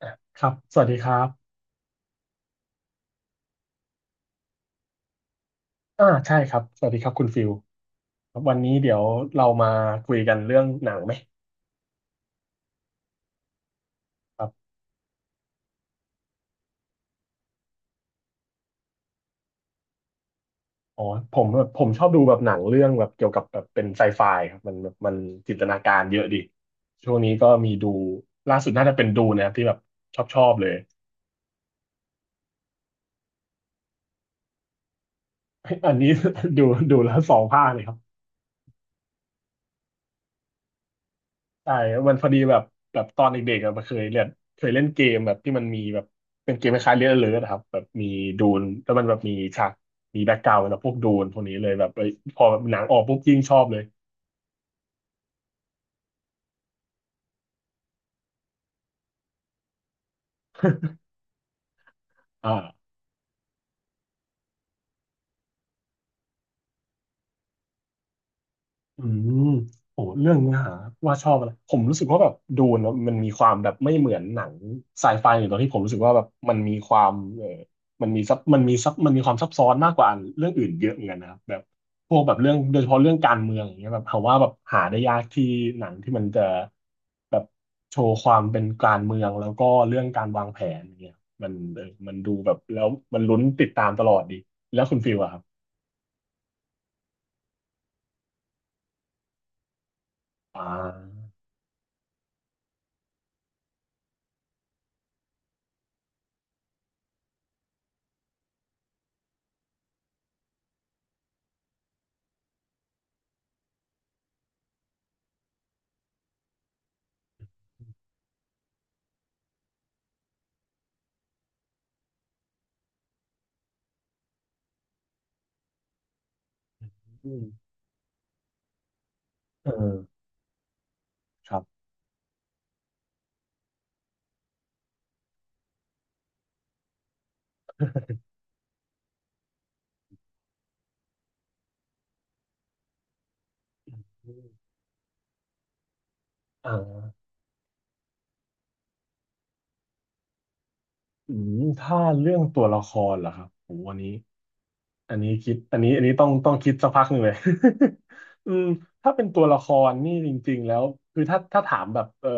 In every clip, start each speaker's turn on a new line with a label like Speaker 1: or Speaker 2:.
Speaker 1: อ่ะครับ สวัสดีครับอ่าใช่ครับ สวัสดีครับคุณฟิลครับวันนี้เดี๋ยวเรามาคุยกันเรื่องหนังไหมครับอ๋อผมผมชอบดูแบบหนังเรื่องแบบเกี่ยวกับแบบเป็นไซไฟครับมันแบบมันจินตนาการเยอะดีช่วงนี้ก็มีดูล่าสุดน่าจะเป็นดูนะครับที่แบบชอบเลยอันนี้ ดูดูแล้วสองภาคเลยครับ ใช่มันพอดีแบบแบบตอนเด็กๆอะเคยเล่นเกมแบบที่มันมีแบบเป็นเกมคล้ายๆเล่นเลิร์ครับแบบมีดูนแล้วมันแบบมีฉากมีแบ็กกราวด์แบบพวกดูนพวกนี้เลยแบบเอ้ยพอแบบหนังออกปุ๊บยิ่งชอบเลย อ่า อืมโอ้เรื่องเนื้อหาว่าชอบอะไรผมรู้สึกว่าแบบดูนะมันมีความแบบไม่เหมือนหนังไซไฟอยู่ตรงที่ผมรู้สึกว่าแบบมันมีความเออมันมีซับมันมีซับมันมีความซับซ้อนมากกว่าเรื่องอื่นเยอะเหมือนกันนะครับแบบพวกแบบเรื่องโดยเฉพาะเรื่องการเมืองอย่างเงี้ยแบบผมว่าแบบหาได้ยากที่หนังที่มันจะแบบโชว์ความเป็นการเมืองแล้วก็เรื่องการวางแผนอย่างเงี้ยมันมันดูแบบแล้วมันลุ้นติดตามตลอดดีแล้วคุณฟิลอะครับอ่าอืมเออครับ อ่าอืมถ้าเรื่องตัวละครเหรอครับโหอันนี้อันนี้คิดอันนี้อันนี้ต้องคิดสักพักหนึ่งเลย อืมถ้าเป็นตัวละครนี่จริงๆแล้วคือถ้าถามแบบ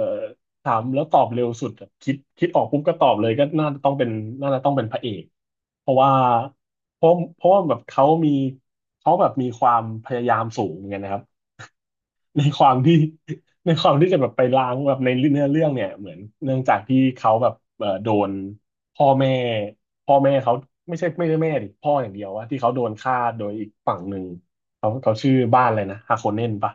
Speaker 1: ถามแล้วตอบเร็วสุดอะคิดออกปุ๊บก็ตอบเลยก็น่าจะต้องเป็นน่าจะต้องเป็นพระเอก เพราะว่าเพราะว่าแบบเขามีเขาแบบมีความพยายามสูงเหมือนกันนะครับ ในความที่ในความที่จะแบบไปล้างแบบในเนื้อเรื่องเนี่ยเหมือนเนื่องจากที่เขาแบบโดนพ่อแม่พ่อแม่เขาไม่ใช่ไม่ได้แม่ดิพ่ออย่างเดียวว่าที่เขาโดนฆ่าโดยอีกฝั่งหนึ่งเขาชื่อบ้านอะไรนะฮาโคเนนปะ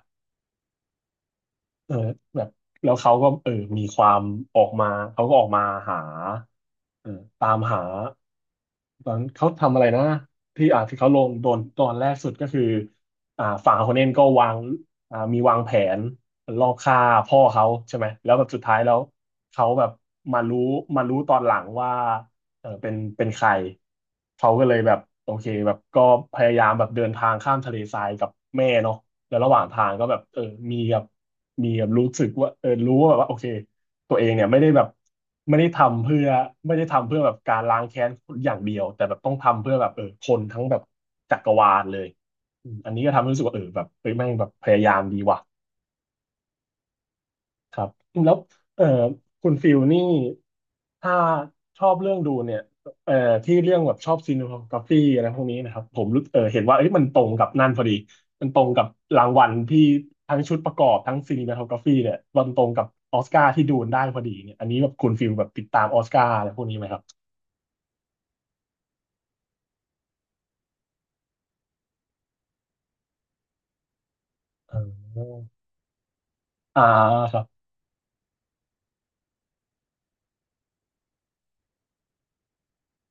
Speaker 1: เออแบบแล้วเขาก็เออมีความออกมาเขาก็ออกมาหาเออตามหา ตอนเขาทำอะไรนะที่ที่เขาลงโดนตอนแรกสุดก็คืออ่าฝั่งคนเนนก็วางมีวางแผนลอบฆ่าพ่อเขาใช่ไหมแล้วแบบสุดท้ายแล้วเขาแบบมารู้มารู้ตอนหลังว่าเออเป็นใครเขาก็เลยแบบโอเคแบบก็พยายามแบบเดินทางข้ามทะเลทรายกับแม่เนาะแล้วระหว่างทางก็แบบเออมีแบบมีแบบรู้สึกว่าเออรู้ว่าแบบว่าโอเค ตัวเองเนี่ยไม่ได้แบบไม่ได้ทำเพื่อไม่ได้ทำเพื่อแบบการล้างแค้นอย่างเดียวแต่แบบต้องทำเพื่อแบบเออคนทั้งแบบจักรวาลเลยอืมอันนี้ก็ทำให้รู้สึกว่าเออแบบเฮ้ยแม่งแบบพยายามดีว่ะ ครับแล้วเอ่อคุณฟิลนี่ถ้าชอบเรื่องดูเนี่ยเอ่อที่เรื่องแบบชอบซีนิโทกราฟีอะไรพวกนี้นะครับผมรู้เออเห็นว่าเอ้ยมันตรงกับนั่นพอดีมันตรงกับรางวัลที่ทั้งชุดประกอบทั้งซีนิโทกราฟีเนี่ยมันตรงกับออสการ์ที่ดูนได้พอดีเนี่ยอันนี้แบบคุณฟิลแบบติดตามออสการ์อะไรพวกนี้ไหมครับอ๋ออ่าครับ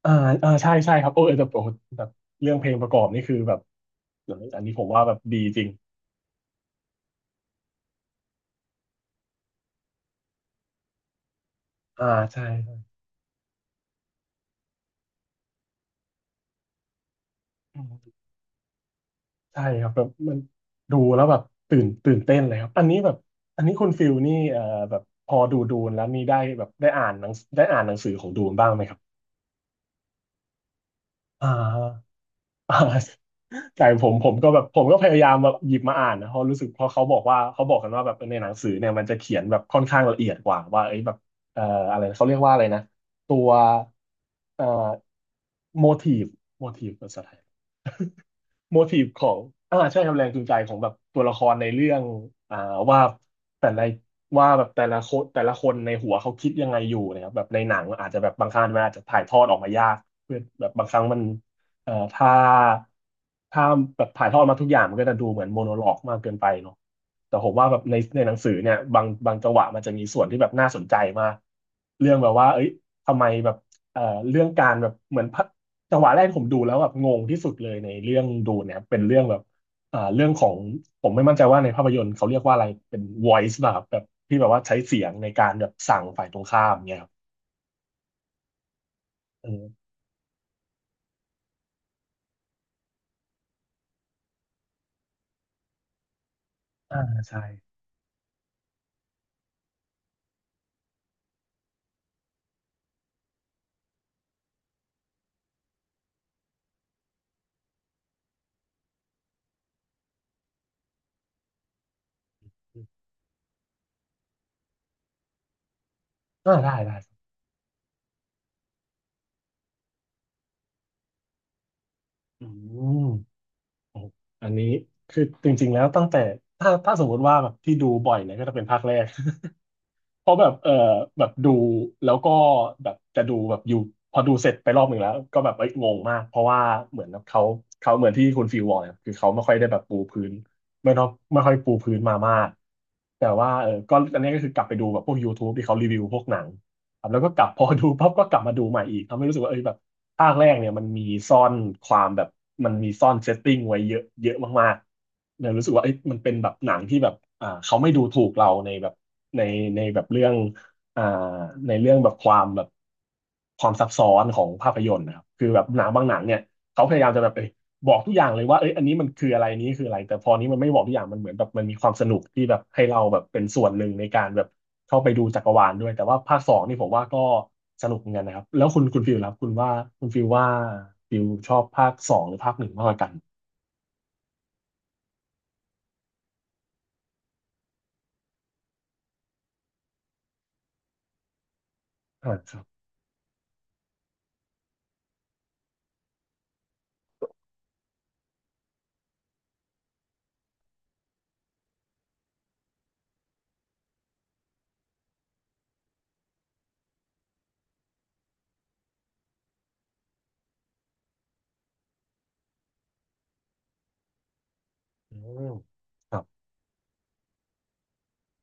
Speaker 1: อ่าอ่าใช่ใช่ครับโอ้เออแต่โอ้แบบเรื่องเพลงประกอบนี่คือแบบอันนี้ผมว่าแบบดีจริงอ่าใช่ใช่ ใช่ครับแบบมันดูแล้วแบบตื่นเต้นเลยครับอันนี้แบบอันนี้คุณฟิลนี่แบบพอดูนแล้วมีได้แบบได้อ่านหนังได้อ่านหนังสือของดูนบ้างไหมครับอ่าอ่า แต่ผมก็แบบผมก็พยายามแบบหยิบมาอ่านนะเพราะรู้สึกเพราะเขาบอกว่าเขาบอกกันว่าแบบในหนังสือเนี่ยมันจะเขียนแบบค่อนข้างละเอียดกว่าว่าเอ้ยแบบเอ่ออะไรนะเขาเรียกว่าอะไรนะตัวเอ่อโมทีฟโมทีฟภาษาไทย โมทีฟของอ่าใช่ครับแรงจูงใจของแบบตัวละครในเรื่องอ่าว่าแต่ละแบบแต่ละคนแต่ละคนในหัวเขาคิดยังไงอยู่นะครับแบบในหนังอาจจะแบบบางครั้งมันอาจจะถ่ายทอดออกมายากเพื่อแบบบางครั้งมันเอ่อถ้าถ้าแบบถ่ายทอดมาทุกอย่างมันก็จะดูเหมือนโมโนโลกมากเกินไปเนาะแต่ผมว่าแบบในหนังสือเนี่ยบางจังหวะมันจะมีส่วนที่แบบน่าสนใจมากเรื่องแบบว่าเอ้ยทำไมแบบเอ่อเรื่องการแบบเหมือนพระ จังหวะแรกที่ผมดูแล้วแบบงงที่สุดเลยในเรื่องดูเนี่ยเป็นเรื่องแบบอ่าเรื่องของผมไม่มั่นใจว่าในภาพยนตร์เขาเรียกว่าอะไรเป็น voice ป่ะครับแบบที่แบบว่าใช้เสียงในการแบบสั่งฝ่ายตรงข้ามเนี่ยครับเอออ่าใช่อ่าได้ได้อืมโอ้อันนี้คือจริงๆแล้วตั้งแต่ถ้าสมมติว่าแบบที่ดูบ่อยเนี่ยก็จะเป็นภาคแรก เพราะแบบเออแบบดูแล้วก็แบบจะดูแบบอยู่พอดูเสร็จไปรอบหนึ่งแล้วก็แบบเอ้ยงงมากเพราะว่าเหมือนเขาเขาเหมือนที่คุณฟิวบอกเนี่ยคือเขาไม่ค่อยได้แบบปูพื้นไม่ต้องไม่ค่อยปูพื้นมามากแต่ว่าเออก็อันนี้ก็คือกลับไปดูแบบพวก YouTube ทบที่เขารีวิวพวกหนัง ครับแล้วก็กลับ พอดูปั๊บก็กลับมาดูใหม่อีกทำให้รู้สึกว่าเอ้ยแบบภาคแรกเนี่ยมันมีซ่อนความแบบมันมีซ่อนเซตติ้งไว้เยอะเยอะมากๆเลยรู้สึกว่าเอ้ยมันเป็นแบบหนังที่แบบอ่าเขาไม่ดูถูกเราในแบบในในแบบเรื่องอ่าในเรื่องแบบความแบบความซับซ้อนของภาพยนตร์นะครับคือแบบหนังบางหนังเนี่ยเขาพยายามจะแบบเอ้ย บอกทุกอย่างเลยว่าเอ้ยอันนี้มันคืออะไรนี้คืออะไรแต่พอนี้มันไม่บอกทุกอย่างมันเหมือนแบบมันมีความสนุกที่แบบให้เราแบบเป็นส่วนหนึ่งในการแบบเข้าไปดูจักรวาลด้วยแต่ว่าภาคสองนี่ผมว่าก็สนุกเหมือนกันนะครับแล้วคุณฟิลครับคุณว่าคุณฟิลว่าฟิลชอบภาคสองหรือภาคหนึ่งมากกว่ากันอ่าครับอืมครับ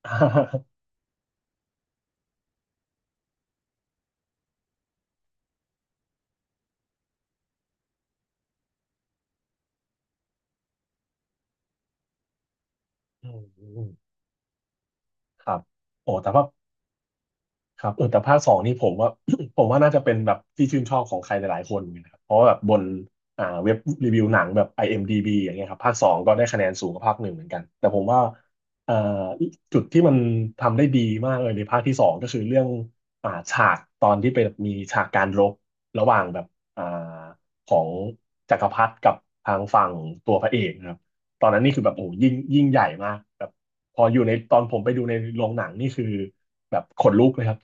Speaker 1: อืมอืม ครับโอ้แต่ว่า ครับเออแต่ภาคสองนี่ผมว่า ผมว่าน่าจะเป็นแบบที่ชื่นชอบของใครหลายๆคนเหมือนกันนะครับเพราะว่าแบบบนอ่าเว็บรีวิวหนังแบบ IMDb อเอ็มดีบีอย่างเงี้ยครับภาคสองก็ได้คะแนนสูงกว่าภาคหนึ่งเหมือนกันแต่ผมว่าเอ่อจุดที่มันทำได้ดีมากเลยในภาคที่สองก็คือเรื่องอ่าฉากตอนที่เป็นมีฉากการรบระหว่างแบบอ่าของจักรพรรดิกับทางฝั่งตัวพระเอกนะครับตอนนั้นนี่คือแบบโอ้โหยิ่งใหญ่มากแบบพออยู่ในตอนผมไปดูในโรงหนังนี่คือแบบขนลุกเลยครับ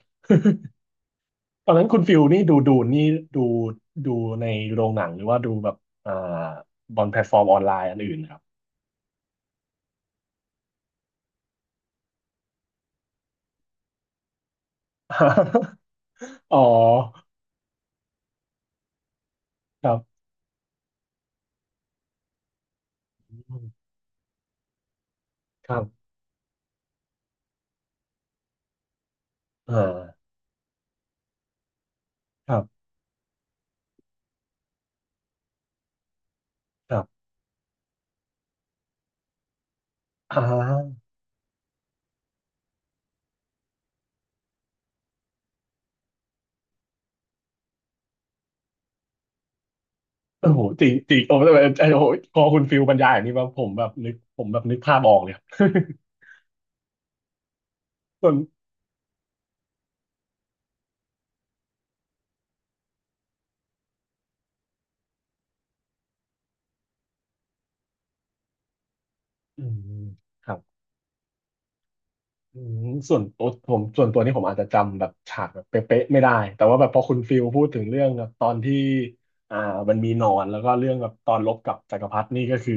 Speaker 1: ตอนนั้นคุณฟิลนี่ดูดูในโรงหนังหรือว่าดูแบบอ่าบนแพลตฟอร์มออนไลน์อันอื่นครับ อ๋อครับครับอ่าครับครับอ่าโอ้โหจริงจริงโอ้โหไอ้โอ้โหพอคุณฟิลบรรยายอย่างนี้ว่าผมแบบนึกภาพออกเลยครับ ส่วนอืมครับ อืมส่วนตัวผมส่วนตัวนี่ผมอาจจะจำแบบฉากแบบเป๊ะๆไม่ได้แต่ว่าแบบพอคุณฟิลพูดถึงเรื่องแบบตอนที่อ่ามันมีหนอนแล้วก็เรื่องแบบตอนรบกับจักรพรรดินี่ก็คือ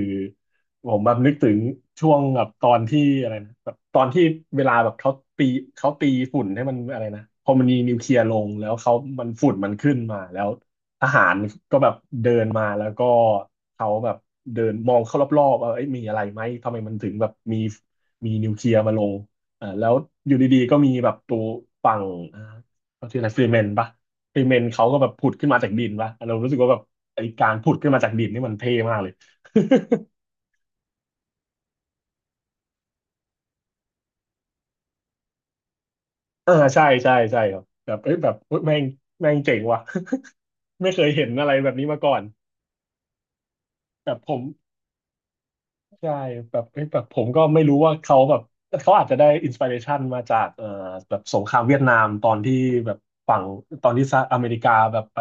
Speaker 1: ผมแบบนึกถึงช่วงแบบตอนที่อะไรนะแบบตอนที่เวลาแบบเขาตีเขาตีฝุ่นให้มันอะไรนะพอมันมีนิวเคลียร์ลงแล้วเขามันฝุ่นมันขึ้นมาแล้วทหารก็แบบเดินมาแล้วก็เขาแบบเดินมองเข้ารอบๆว่าเอ้ยมีอะไรไหมทำไมมันถึงแบบมีนิวเคลียร์มาลง เอ่าแล้วอยู่ดีๆก็มีแบบตัวฝั่งเอ่าเขาชื่ออะไรฟรีเมนปะฟรีเมนเขาก็แบบผุดขึ้นมาจากดินปะเรารู้สึกว่าแบบไอ้การผุดขึ้นมาจากดินนี่มันเท่มากเลย อ่าใช่ใช่ใช่ครับแบบเอ้ยแบบเฮ้ยแม่งแม่งเจ๋งว่ะ ไม่เคยเห็นอะไรแบบนี้มาก่อนแบบผม ใช่แบบเอ้ยแบบผมก็ไม่รู้ว่าเขาแบบเขาอาจจะได้อินสปิเรชันมาจากแบบสงครามเวียดนามตอนที่แบบฝั่งตอนที่สหรัฐอเมริกาแบบไป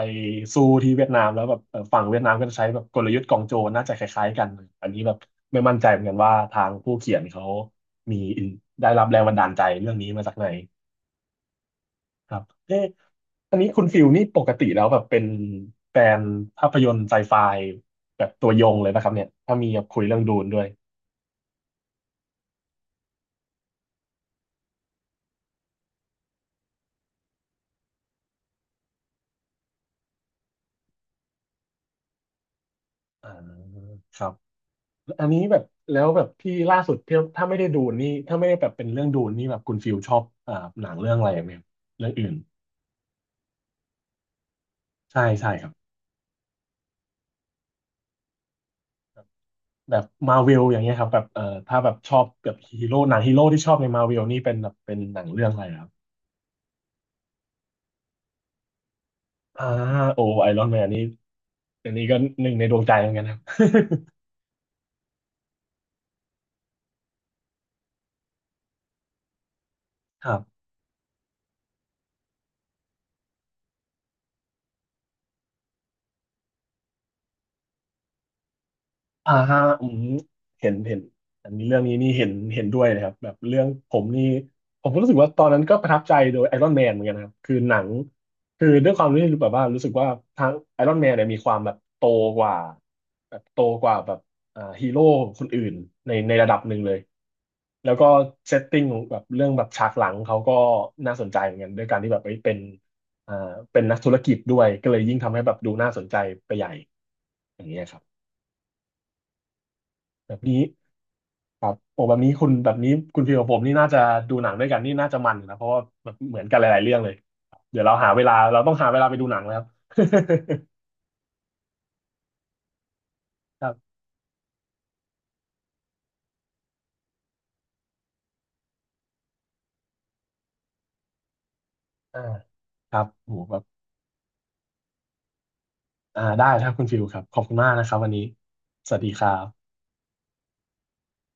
Speaker 1: สู้ที่เวียดนามแล้วแบบฝั่งเวียดนามก็จะใช้แบบกลยุทธ์กองโจรน่าจะคล้ายๆกันอันนี้แบบไม่มั่นใจเหมือนกันว่าทางผู้เขียนเขามีอินได้รับแรงบันดาลใจเรื่องนี้มาจากไหนครับเอ๊ะอันนี้คุณฟิลนี่ปกติแล้วแบบเป็นแฟนภาพยนตร์ไซไฟแบบตัวยงเลยนะครับเนี่ยถ้ามีแบบคุยเรื่องดูนด้วย อ่าครับอันนี้แบบแล้วแบบที่ล่าสุดที่ถ้าไม่ได้ดูนี่ถ้าไม่ได้แบบเป็นเรื่องดูนี่แบบคุณฟิลชอบอ่าหนังเรื่องอะไรไหมครับเรื่องอื่นใช่ใช่ครับแบบมาเวลอย่างเงี้ยครับแบบถ้าแบบชอบแบบฮีโร่หนังฮีโร่ที่ชอบในมาเวลนี่เป็นแบบเป็นหนังเรื่องอะไรครับอ่าโอไอรอนแมนนี่อันนี้ก็หนึ่งในดวงใจเหมือนกันครับ ครับ อ่าอืมเห็นเห็นอันนี้เรื่องนี้นี่เห็นด้วยเลยครับแบบเรื่องผมนี่ผมก็รู้สึกว่าตอนนั้นก็ประทับใจโดยไอรอนแมนเหมือนกันนะครับคือหนังคือด้วยความที่แบบว่ารู้สึกว่าทางไอรอนแมนเนี่ยมีความแบบโตกว่าแบบโตกว่าแบบอ่าฮีโร่คนอื่นในระดับหนึ่งเลยแล้วก็เซตติ้งของแบบเรื่องแบบฉากหลังเขาก็น่าสนใจเหมือนกันด้วยการที่แบบเอ้ยเป็นอ่าเป็นนักธุรกิจด้วยก็เลยยิ่งทำให้แบบดูน่าสนใจไปใหญ่อย่างเงี้ยครับแบบนี้ ครับโอ้แบบนี้คุณแบบนี้คุณฟิลกับผมนี่น่าจะดูหนังด้วยกันนี่น่าจะมันอยู่นะเพราะว่าแบบเหมือนกันหลายๆเรื่องเลยเดี๋ยวเราหาเวลาเราต้องหาเวลาไปดูหนังแล้ว ครับอ่าครับโหแบบอ่าได้ครับคุณฟิลครับขอบคุณมากนะครับวันนี้สวัสดีครับ